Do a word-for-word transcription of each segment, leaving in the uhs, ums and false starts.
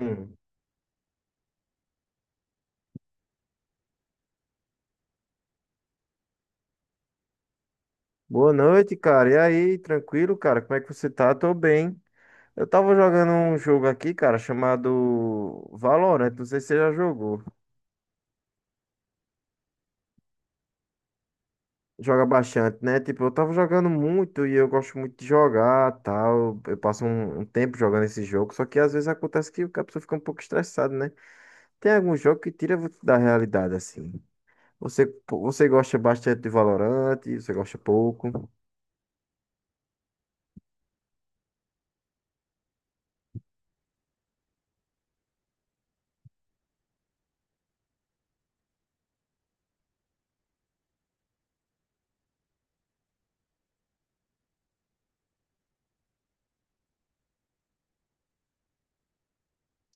Hum. Boa noite, cara. E aí, tranquilo, cara? Como é que você tá? Tô bem. Eu tava jogando um jogo aqui, cara, chamado Valorant. Não sei se você já jogou. Joga bastante, né? Tipo, eu tava jogando muito e eu gosto muito de jogar, tal. Eu passo um, um tempo jogando esse jogo, só que às vezes acontece que a pessoa fica um pouco estressada, né? Tem algum jogo que tira você da realidade, assim. Você, você gosta bastante de Valorant, você gosta pouco.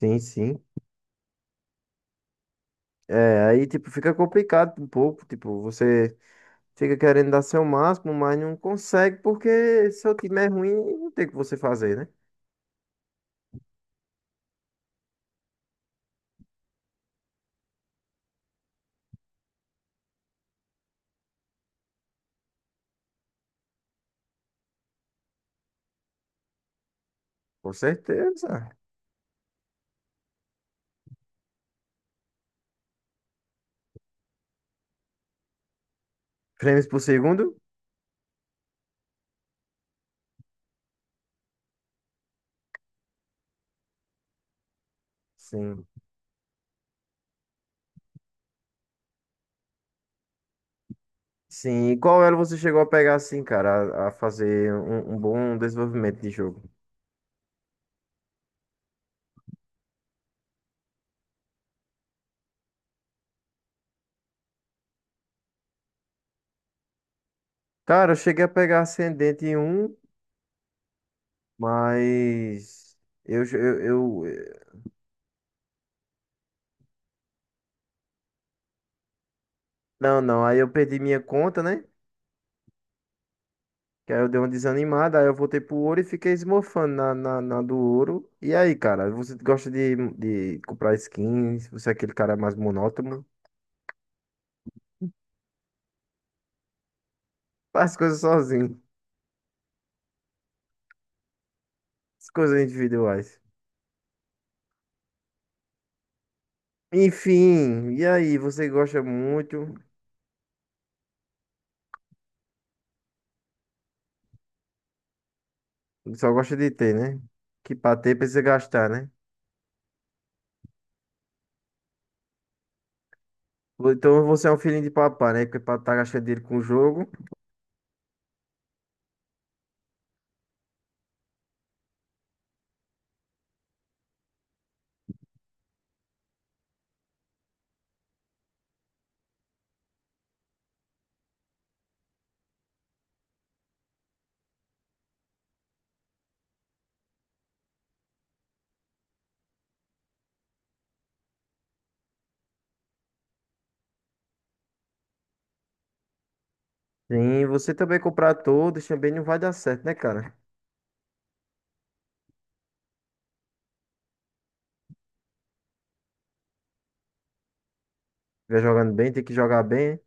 Sim, sim. É, aí, tipo, fica complicado um pouco, tipo, você fica querendo dar seu máximo, mas não consegue porque seu time é ruim e não tem o que você fazer, né? Com certeza. Frames por segundo? Sim. Sim. E qual elo você chegou a pegar assim, cara, a, a fazer um, um bom desenvolvimento de jogo? Cara, eu cheguei a pegar ascendente em um, mas eu, eu, eu- não, não. Aí eu perdi minha conta, né? Que aí eu dei uma desanimada, aí eu voltei pro ouro e fiquei esmorfando na, na, na do ouro. E aí, cara, você gosta de, de comprar skins? Você é aquele cara mais monótono? Faz coisas sozinho, as coisas individuais. Enfim, e aí, você gosta muito, só gosta de ter, né? Que pra ter precisa gastar, né? Então você é um filhinho de papai, né? Porque pra tá gastando dinheiro com o jogo. Sim, você também comprar todos também não vai dar certo, né, cara? Vai jogando bem, tem que jogar bem.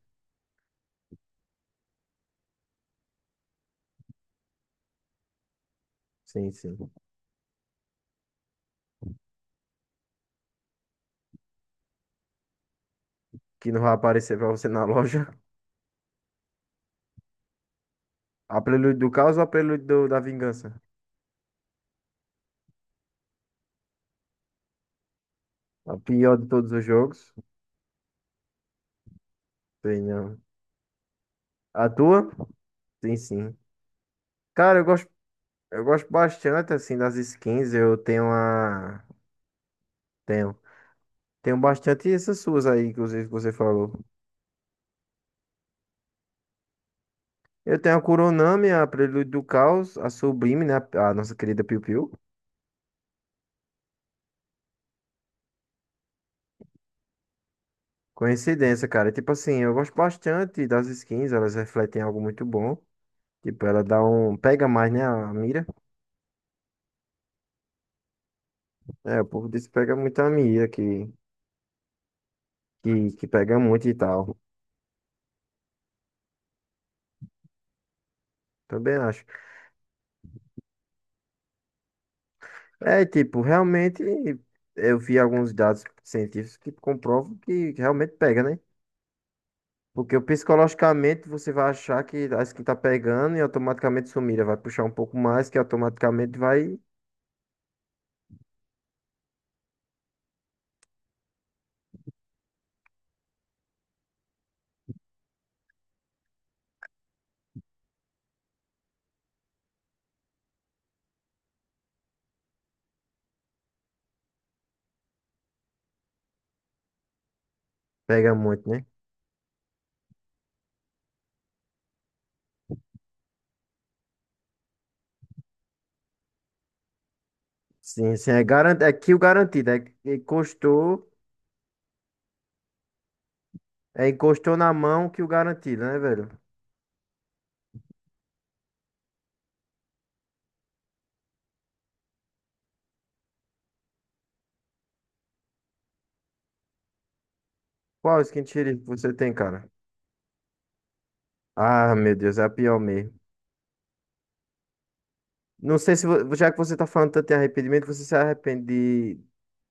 Sim, sim. Que não vai aparecer pra você na loja. A Prelude do Caos ou a Prelude do- da Vingança? A pior de todos os jogos? Tem não. A tua? Tem sim. Cara, eu gosto, eu gosto bastante assim das skins. Eu tenho a. Tenho. Tenho bastante essas suas aí, inclusive, que você falou. Eu tenho a Kuronami, a Prelude do Caos, a Sublime, né? A nossa querida Piu Piu. Coincidência, cara. Tipo assim, eu gosto bastante das skins, elas refletem algo muito bom. Tipo, ela dá um. Pega mais, né? A mira. É, o povo disse que pega muito a mira, que. que, que pega muito e tal. Também acho. É, tipo, realmente eu vi alguns dados científicos que comprovam que realmente pega, né? Porque o psicologicamente você vai achar que acho que tá pegando e automaticamente sumira, vai puxar um pouco mais que automaticamente vai pega muito, né? Sim, sim, é garantido, é que o garantido é que encostou, é encostou na mão que o garantido, né, velho? Qual skin sheriff que você tem, cara? Ah, meu Deus, é a pior mesmo. Não sei se, vo- já que você tá falando tanto em arrependimento, você se arrepende de...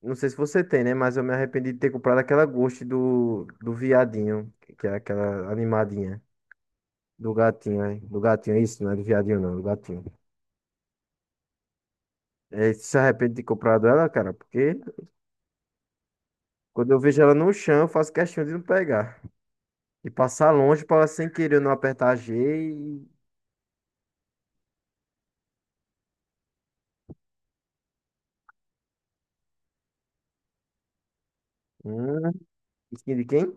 Não sei se você tem, né? Mas eu me arrependi de ter comprado aquela Ghost do, do viadinho, que é aquela animadinha. Do gatinho, né? Do gatinho, é isso, não é do viadinho, não, do gatinho. É, você se arrepende de ter comprado ela, cara? Porque quando eu vejo ela no chão, eu faço questão de não pegar. E passar longe pra ela sem querer eu não apertar G e... Hum, skin de quem?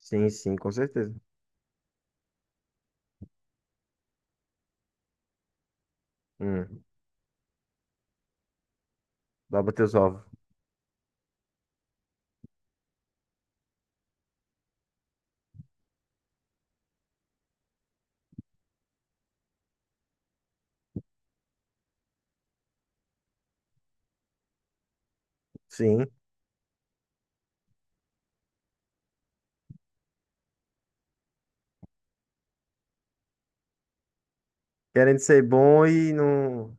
Sim, sim, com certeza. Hum, dobra teus ovos. Sim. Querendo ser bom e não...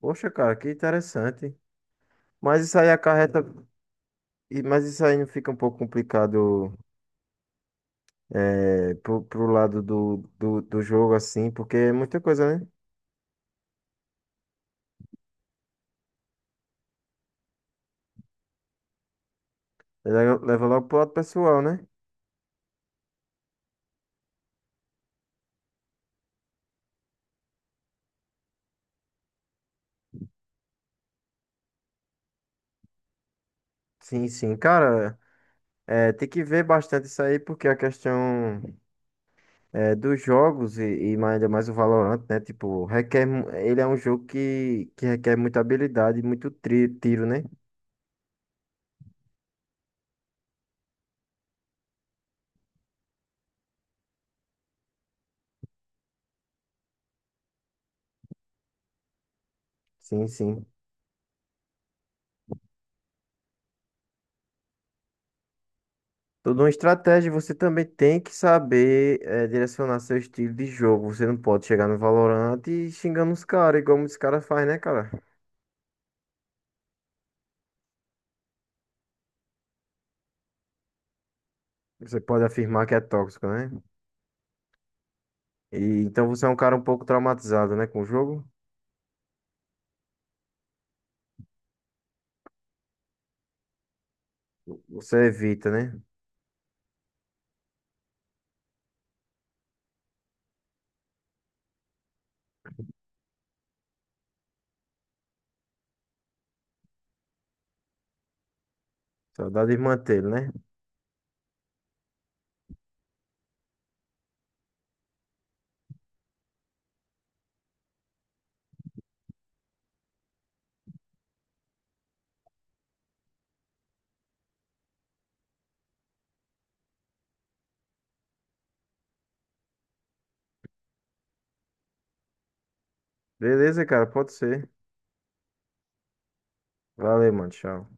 Poxa, cara, que interessante. Mas isso aí acarreta. e- Mas isso aí não fica um pouco complicado é, pro, pro lado do, do, do jogo, assim, porque é muita coisa, né? Ele leva logo pro lado pessoal, né? Sim, sim. Cara, é, tem que ver bastante isso aí, porque a questão é, dos jogos e, e mais, ainda mais o Valorant, né? Tipo, requer. mu- Ele é um jogo que, que requer muita habilidade e muito tri- tiro, né? Sim, sim. Tudo uma estratégia, você também tem que saber eh, direcionar seu estilo de jogo. Você não pode chegar no Valorant e xingando os caras, igual muitos caras fazem, né, cara? Você pode afirmar que é tóxico, né? E então você é um cara um pouco traumatizado, né, com o jogo. Você evita, né? Saudade de mantê-lo, né? Beleza, cara, pode ser. Valeu, mano, tchau.